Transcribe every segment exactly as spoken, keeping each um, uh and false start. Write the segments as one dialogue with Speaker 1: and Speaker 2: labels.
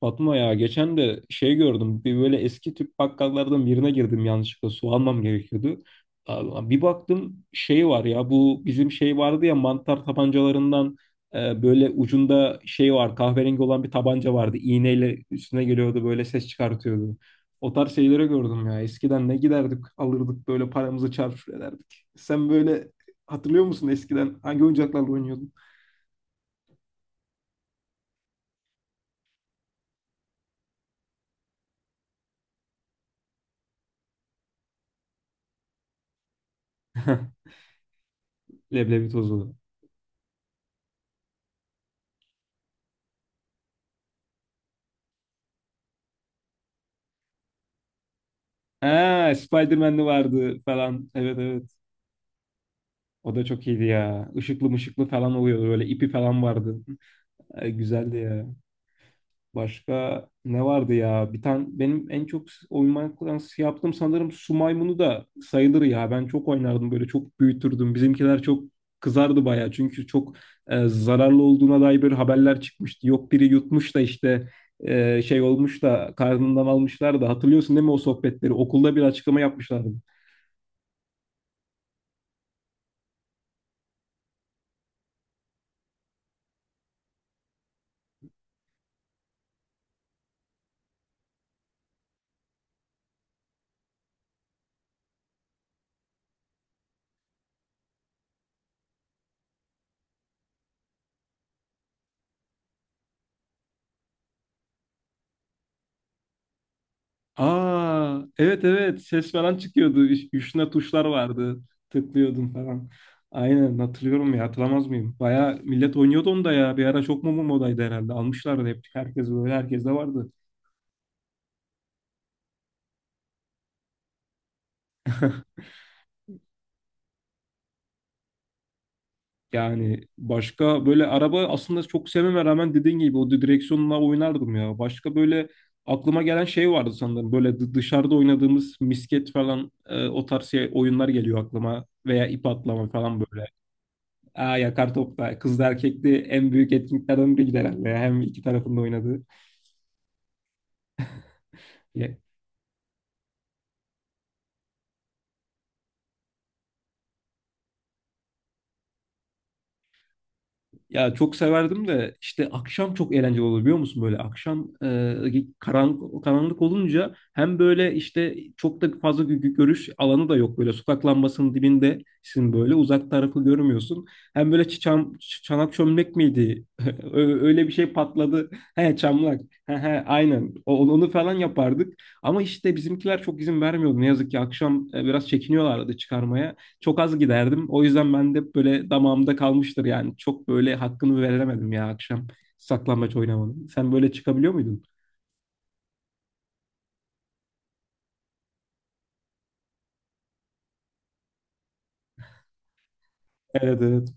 Speaker 1: Fatma ya geçen de şey gördüm bir böyle eski tüp bakkallardan birine girdim yanlışlıkla su almam gerekiyordu. Aa, bir baktım şey var ya bu bizim şey vardı ya mantar tabancalarından e, böyle ucunda şey var kahverengi olan bir tabanca vardı. İğneyle üstüne geliyordu böyle ses çıkartıyordu. O tarz şeyleri gördüm ya eskiden ne giderdik alırdık böyle paramızı çarçur ederdik. Sen böyle hatırlıyor musun eskiden hangi oyuncaklarla oynuyordun? Leblebi tozu. Aa, Spider-Man'li vardı falan. Evet evet. O da çok iyiydi ya. Işıklı mışıklı falan oluyordu. Böyle ipi falan vardı. Ee, güzeldi ya. Başka ne vardı ya? Bir tane benim en çok oymaktan yaptığım sanırım su maymunu da sayılır ya. Ben çok oynardım böyle çok büyütürdüm. Bizimkiler çok kızardı bayağı. Çünkü çok e, zararlı olduğuna dair böyle haberler çıkmıştı. Yok biri yutmuş da işte e, şey olmuş da karnından almışlar da hatırlıyorsun değil mi o sohbetleri? Okulda bir açıklama yapmışlardı. Aa, evet evet ses falan çıkıyordu. Üç- Üstüne tuşlar vardı. Tıklıyordum falan. Aynen hatırlıyorum ya hatırlamaz mıyım? Baya millet oynuyordu onu da ya. Bir ara çok mu mu modaydı herhalde. Almışlardı hep. Herkes böyle herkes de vardı. Yani başka böyle araba aslında çok sevmeme rağmen dediğin gibi o direksiyonla oynardım ya. Başka böyle aklıma gelen şey vardı sanırım. Böyle dı- dışarıda oynadığımız misket falan e, o tarz şey, oyunlar geliyor aklıma. Veya ip atlama falan böyle. Aa, yakar topta. Kızlı erkekli en büyük etkinliklerden biriydi herhalde. Hem iki tarafında oynadığı. Ya çok severdim de işte akşam çok eğlenceli oluyor biliyor musun böyle akşam e, karan, karanlık olunca hem böyle işte çok da fazla gö- gö- görüş alanı da yok böyle sokak lambasının dibindesin böyle uzak tarafı görmüyorsun hem böyle çi- çam, ç- çanak çömlek miydi Ö- öyle bir şey patladı he çamlak he he aynen. O- onu onu falan yapardık ama işte bizimkiler çok izin vermiyordu ne yazık ki akşam e, biraz çekiniyorlardı çıkarmaya. Çok az giderdim. O yüzden ben de böyle damağımda kalmıştır yani. Çok böyle hakkını veremedim ya akşam saklambaç oynamanın. Sen böyle çıkabiliyor muydun? Evet evet.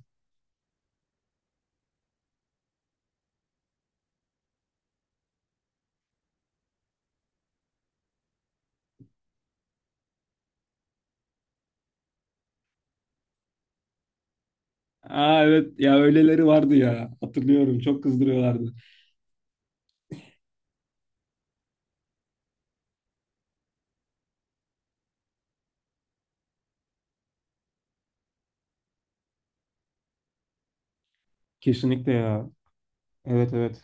Speaker 1: Aa, evet ya öyleleri vardı ya. Hatırlıyorum çok kızdırıyorlardı. Kesinlikle ya. Evet evet.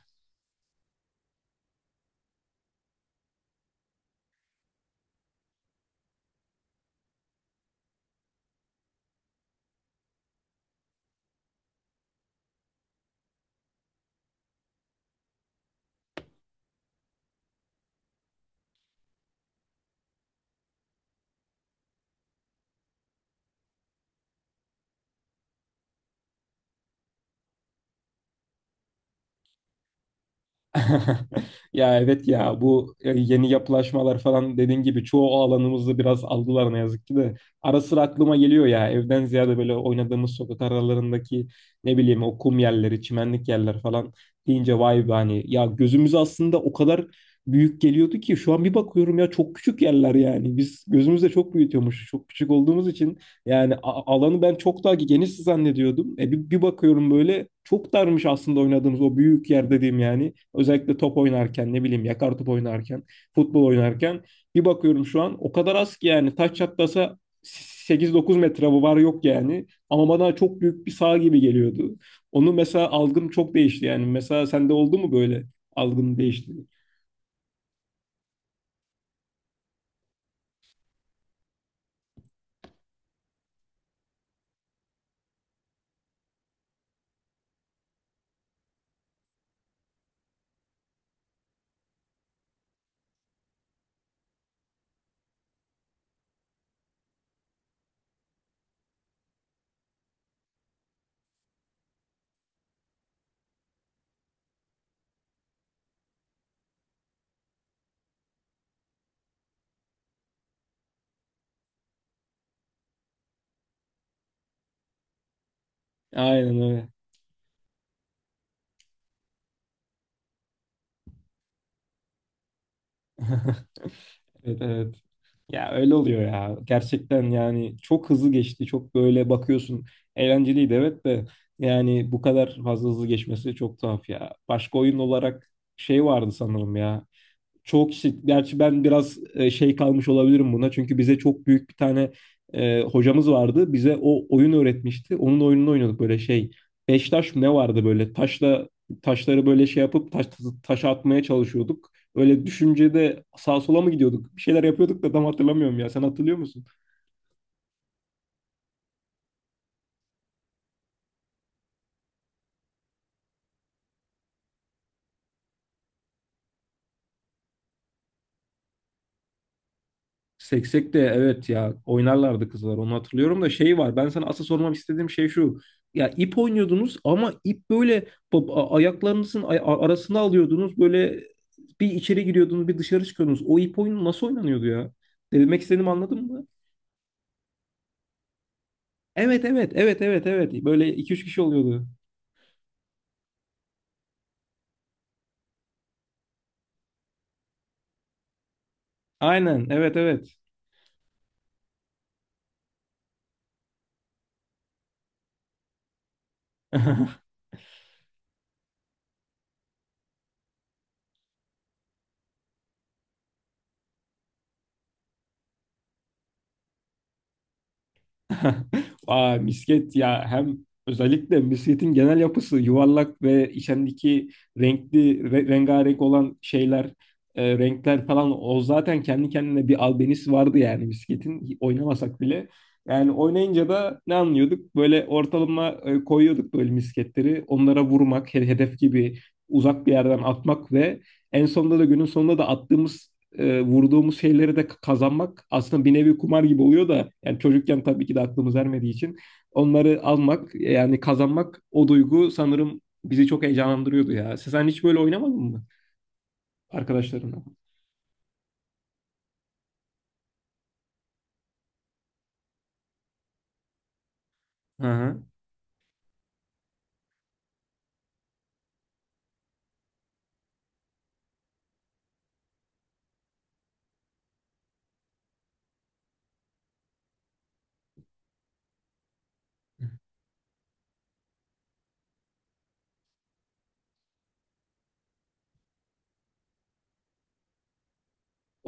Speaker 1: Ya evet ya bu e, yeni yapılaşmalar falan dediğin gibi çoğu alanımızı biraz aldılar ne yazık ki de. Ara sıra aklıma geliyor ya evden ziyade böyle oynadığımız sokak aralarındaki ne bileyim o kum yerleri, çimenlik yerler falan deyince vay be hani ya gözümüz aslında o kadar büyük geliyordu ki şu an bir bakıyorum ya çok küçük yerler yani. Biz gözümüzde çok büyütüyormuş. Çok küçük olduğumuz için yani a- alanı ben çok daha geniş zannediyordum. E bir, bir bakıyorum böyle çok darmış aslında oynadığımız o büyük yer dediğim yani. Özellikle top oynarken ne bileyim yakar top oynarken, futbol oynarken bir bakıyorum şu an o kadar az ki yani taç çatlasa sekiz dokuz metre bu var yok yani. Ama bana çok büyük bir sağ gibi geliyordu. Onu mesela algım çok değişti yani. Mesela sende oldu mu böyle algın değişti? Aynen öyle. Evet, evet. Ya öyle oluyor ya. Gerçekten yani çok hızlı geçti. Çok böyle bakıyorsun. Eğlenceliydi evet de yani bu kadar fazla hızlı geçmesi çok tuhaf ya. Başka oyun olarak şey vardı sanırım ya çoğu kişi gerçi ben biraz e, şey kalmış olabilirim buna. Çünkü bize çok büyük bir tane e, hocamız vardı. Bize o oyun öğretmişti. Onun oyununu oynuyorduk böyle şey. Beş taş mı ne vardı böyle? Taşla taşları böyle şey yapıp taş, taşa atmaya çalışıyorduk. Öyle düşüncede sağa sola mı gidiyorduk? Bir şeyler yapıyorduk da tam hatırlamıyorum ya. Sen hatırlıyor musun? Seksek de evet ya oynarlardı kızlar onu hatırlıyorum da şey var ben sana asıl sormak istediğim şey şu ya ip oynuyordunuz ama ip böyle bu- a- ayaklarınızın ay- a- arasına alıyordunuz böyle bir içeri giriyordunuz bir dışarı çıkıyordunuz o ip oyunu nasıl oynanıyordu ya demek istediğimi anladın mı? Evet evet evet evet evet böyle iki üç kişi oluyordu aynen evet evet. Aa, misket ya hem özellikle misketin genel yapısı yuvarlak ve içindeki renkli re- rengarenk olan şeyler e, renkler falan o zaten kendi kendine bir albenisi vardı yani misketin oynamasak bile. Yani oynayınca da ne anlıyorduk? Böyle ortalama e, koyuyorduk böyle misketleri. Onlara vurmak, he- hedef gibi uzak bir yerden atmak ve en sonunda da günün sonunda da attığımız e, vurduğumuz şeyleri de kazanmak aslında bir nevi kumar gibi oluyor da yani çocukken tabii ki de aklımız ermediği için onları almak yani kazanmak o duygu sanırım bizi çok heyecanlandırıyordu ya. Sen hiç böyle oynamadın mı arkadaşlarınla? Hı hı.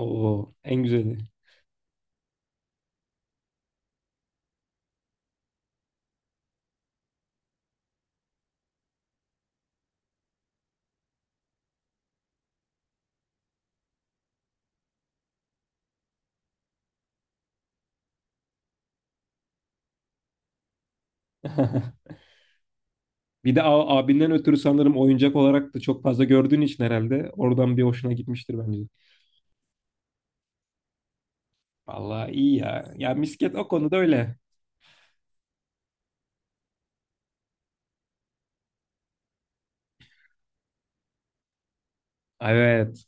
Speaker 1: Oo, en güzeli. Bir de a- abinden ötürü sanırım oyuncak olarak da çok fazla gördüğün için herhalde oradan bir hoşuna gitmiştir bence. Vallahi iyi ya. Ya misket o konuda öyle. Evet.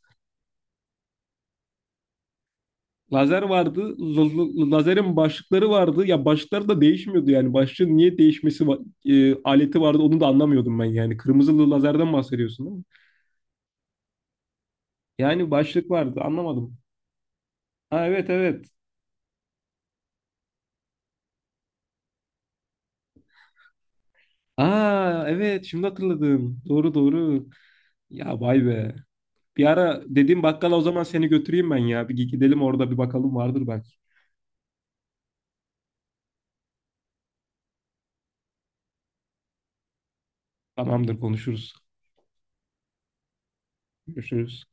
Speaker 1: Lazer vardı. L- Lazerin başlıkları vardı. Ya başlıkları da değişmiyordu yani. Başlığın niye değişmesi va- e, aleti vardı onu da anlamıyordum ben yani. Kırmızılı lazerden bahsediyorsun değil mi? Yani başlık vardı anlamadım. Ha evet evet. Aa, evet şimdi hatırladım. Doğru doğru. Ya vay be. Bir ara dediğim bakkala o zaman seni götüreyim ben ya. Bir gidelim orada bir bakalım vardır belki. Tamamdır konuşuruz. Görüşürüz.